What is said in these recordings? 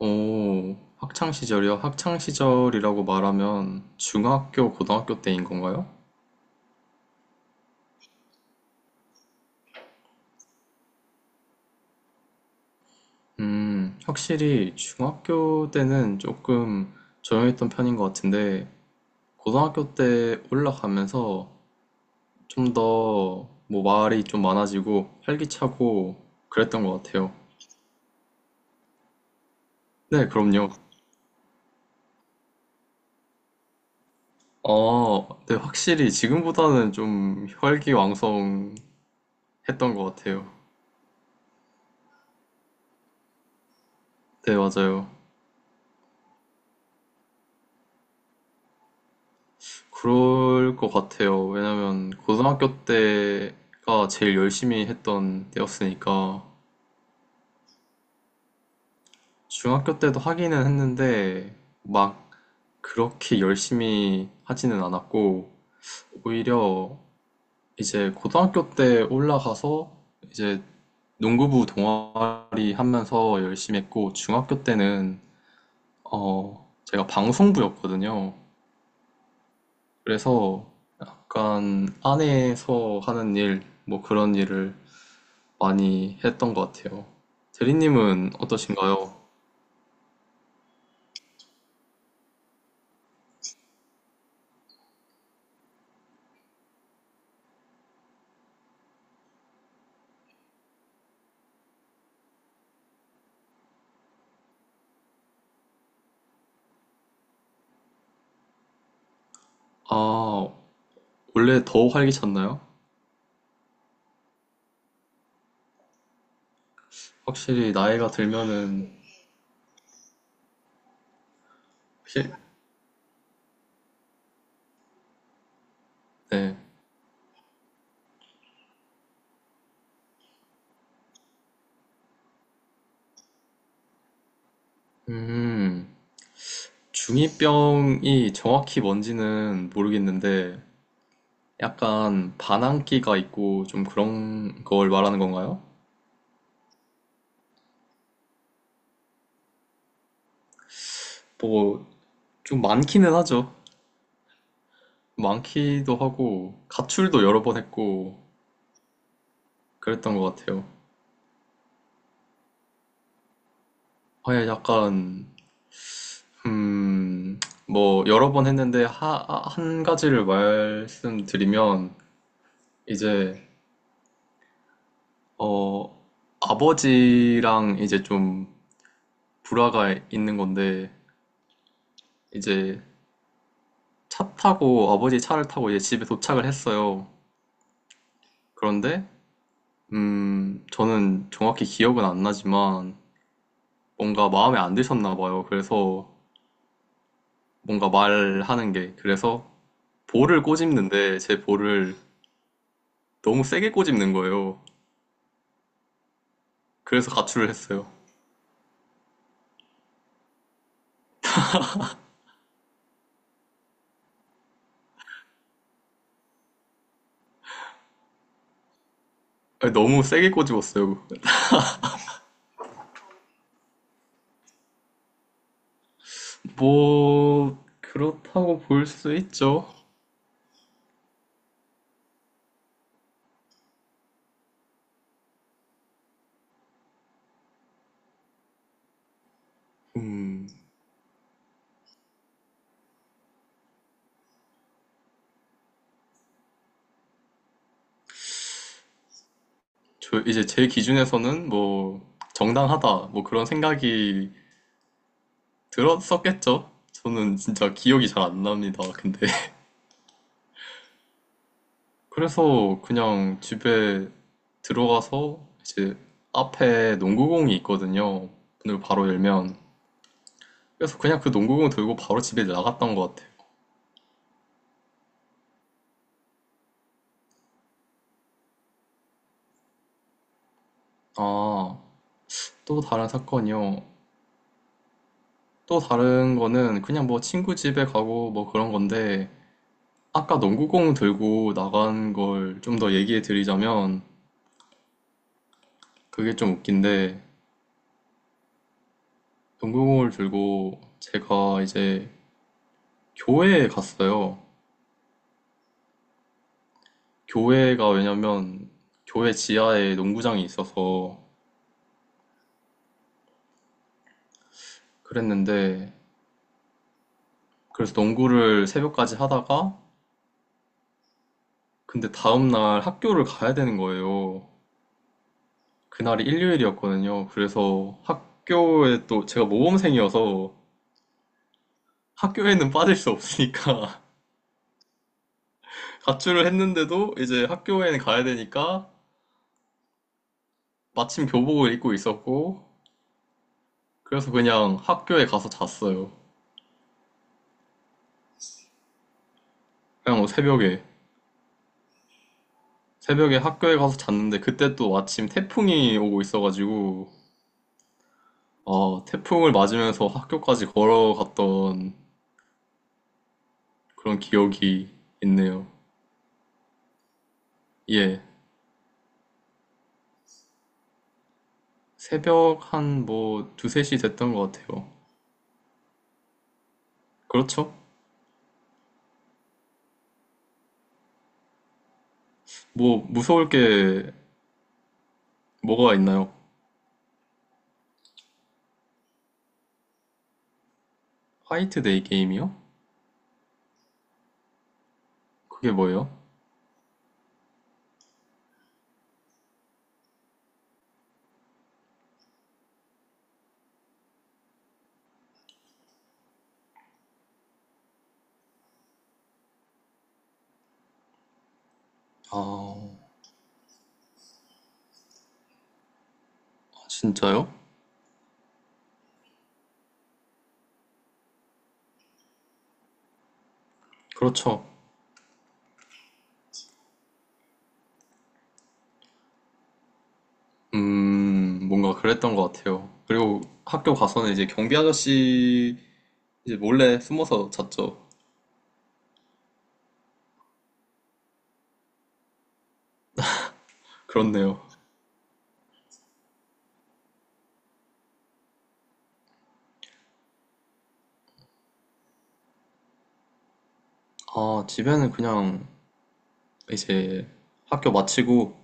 오, 학창 시절이요? 학창 시절이라고 말하면 중학교, 고등학교 때인 건가요? 확실히 중학교 때는 조금 조용했던 편인 것 같은데, 고등학교 때 올라가면서 좀 더 뭐 말이 좀 많아지고 활기차고 그랬던 것 같아요. 네, 그럼요. 아, 네, 확실히 지금보다는 좀 혈기왕성했던 것 같아요. 네, 맞아요. 그럴 것 같아요. 왜냐면 고등학교 때가 제일 열심히 했던 때였으니까 중학교 때도 하기는 했는데 막 그렇게 열심히 하지는 않았고 오히려 이제 고등학교 때 올라가서 이제 농구부 동아리 하면서 열심히 했고 중학교 때는 제가 방송부였거든요. 그래서 약간 안에서 하는 일, 뭐 그런 일을 많이 했던 것 같아요. 대리님은 어떠신가요? 아, 원래 더 활기찼나요? 확실히 나이가 들면은, 실- 네. 음, 중이병이 정확히 뭔지는 모르겠는데, 약간 반항기가 있고 좀 그런 걸 말하는 건가요? 뭐, 좀 많기는 하죠. 많기도 하고, 가출도 여러 번 했고, 그랬던 것 같아요. 아예 약간 음, 뭐, 여러 번 했는데, 한 가지를 말씀드리면, 이제, 어, 아버지랑 이제 좀 불화가 있는 건데, 이제 차 타고, 아버지 차를 타고 이제 집에 도착을 했어요. 그런데, 저는 정확히 기억은 안 나지만, 뭔가 마음에 안 드셨나 봐요. 그래서, 뭔가 말하는 게, 그래서 볼을 꼬집는데, 제 볼을 너무 세게 꼬집는 거예요. 그래서 가출을 했어요. 아니, 너무 세게 꼬집었어요. 뭐, 그렇다고 볼 수 있죠. 음, 저 이제 제 기준에서는 뭐, 정당하다, 뭐 그런 생각이 들었었겠죠. 저는 진짜 기억이 잘 안 납니다. 근데. 그래서 그냥 집에 들어가서 이제 앞에 농구공이 있거든요. 문을 바로 열면. 그래서 그냥 그 농구공 들고 바로 집에 나갔던 것 같아요. 아, 또 다른 사건이요. 또 다른 거는 그냥 뭐 친구 집에 가고 뭐 그런 건데 아까 농구공 들고 나간 걸 좀 더 얘기해 드리자면 그게 좀 웃긴데 농구공을 들고 제가 이제 교회에 갔어요. 교회가 왜냐면 교회 지하에 농구장이 있어서 그랬는데 그래서 농구를 새벽까지 하다가 근데 다음날 학교를 가야 되는 거예요. 그날이 일요일이었거든요. 그래서 학교에 또 제가 모범생이어서 학교에는 빠질 수 없으니까 가출을 했는데도 이제 학교에는 가야 되니까 마침 교복을 입고 있었고 그래서 그냥 학교에 가서 잤어요. 그냥 뭐 새벽에 학교에 가서 잤는데 그때 또 마침 태풍이 오고 있어가지고 태풍을 맞으면서 학교까지 걸어갔던 그런 기억이 있네요. 예. 새벽 한 뭐 두세 시 됐던 것 같아요. 그렇죠? 뭐 무서울 게 뭐가 있나요? 화이트데이 게임이요? 그게 뭐예요? 아, 진짜요? 그렇죠. 뭔가 그랬던 것 같아요. 그리고 학교 가서는 이제 경비 아저씨 이제 몰래 숨어서 잤죠. 그렇네요. 아, 집에는 그냥 이제 학교 마치고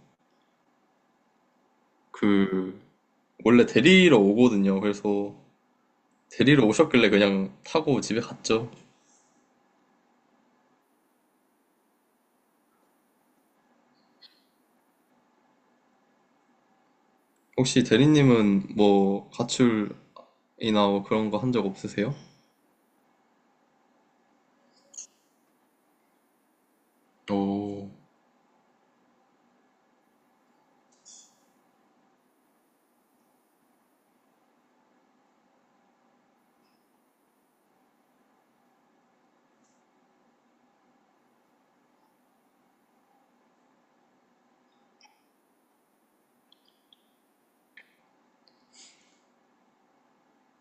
그 원래 데리러 오거든요. 그래서 데리러 오셨길래 그냥 타고 집에 갔죠. 혹시 대리님은 뭐 가출이나 뭐 그런 거 한 적 없으세요? 오,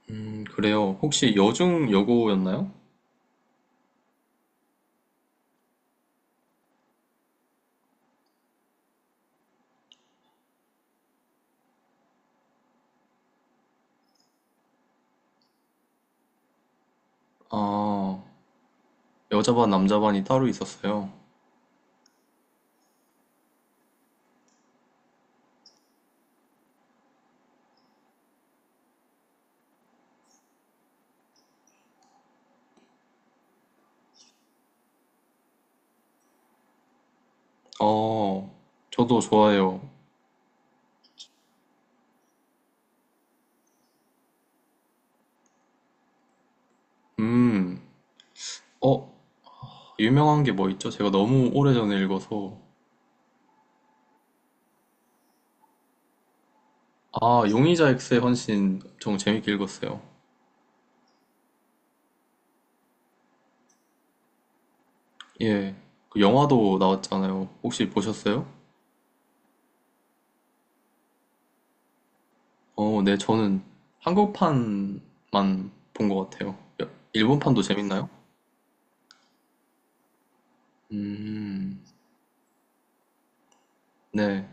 그래요. 혹시 여중 여고였나요? 아, 여자반, 남자반이 따로 있었어요. 어, 저도 좋아해요. 음, 어, 유명한 게 뭐 있죠? 제가 너무 오래전에 읽어서. 아, 용의자 X의 헌신 엄청 재밌게 읽었어요. 예, 그 영화도 나왔잖아요. 혹시 보셨어요? 어, 네, 저는 한국판만 본 것 같아요. 일본판도 재밌나요? 음, 네.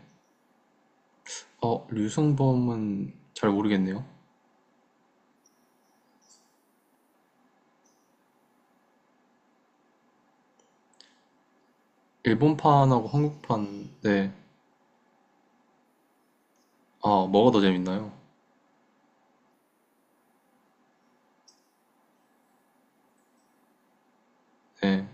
어, 류승범은 잘 모르겠네요. 일본판하고 한국판, 네. 아, 뭐가 더 재밌나요? 네.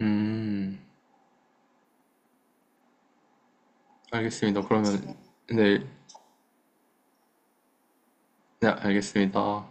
음, 알겠습니다. 그러면, 네, 네, 알겠습니다.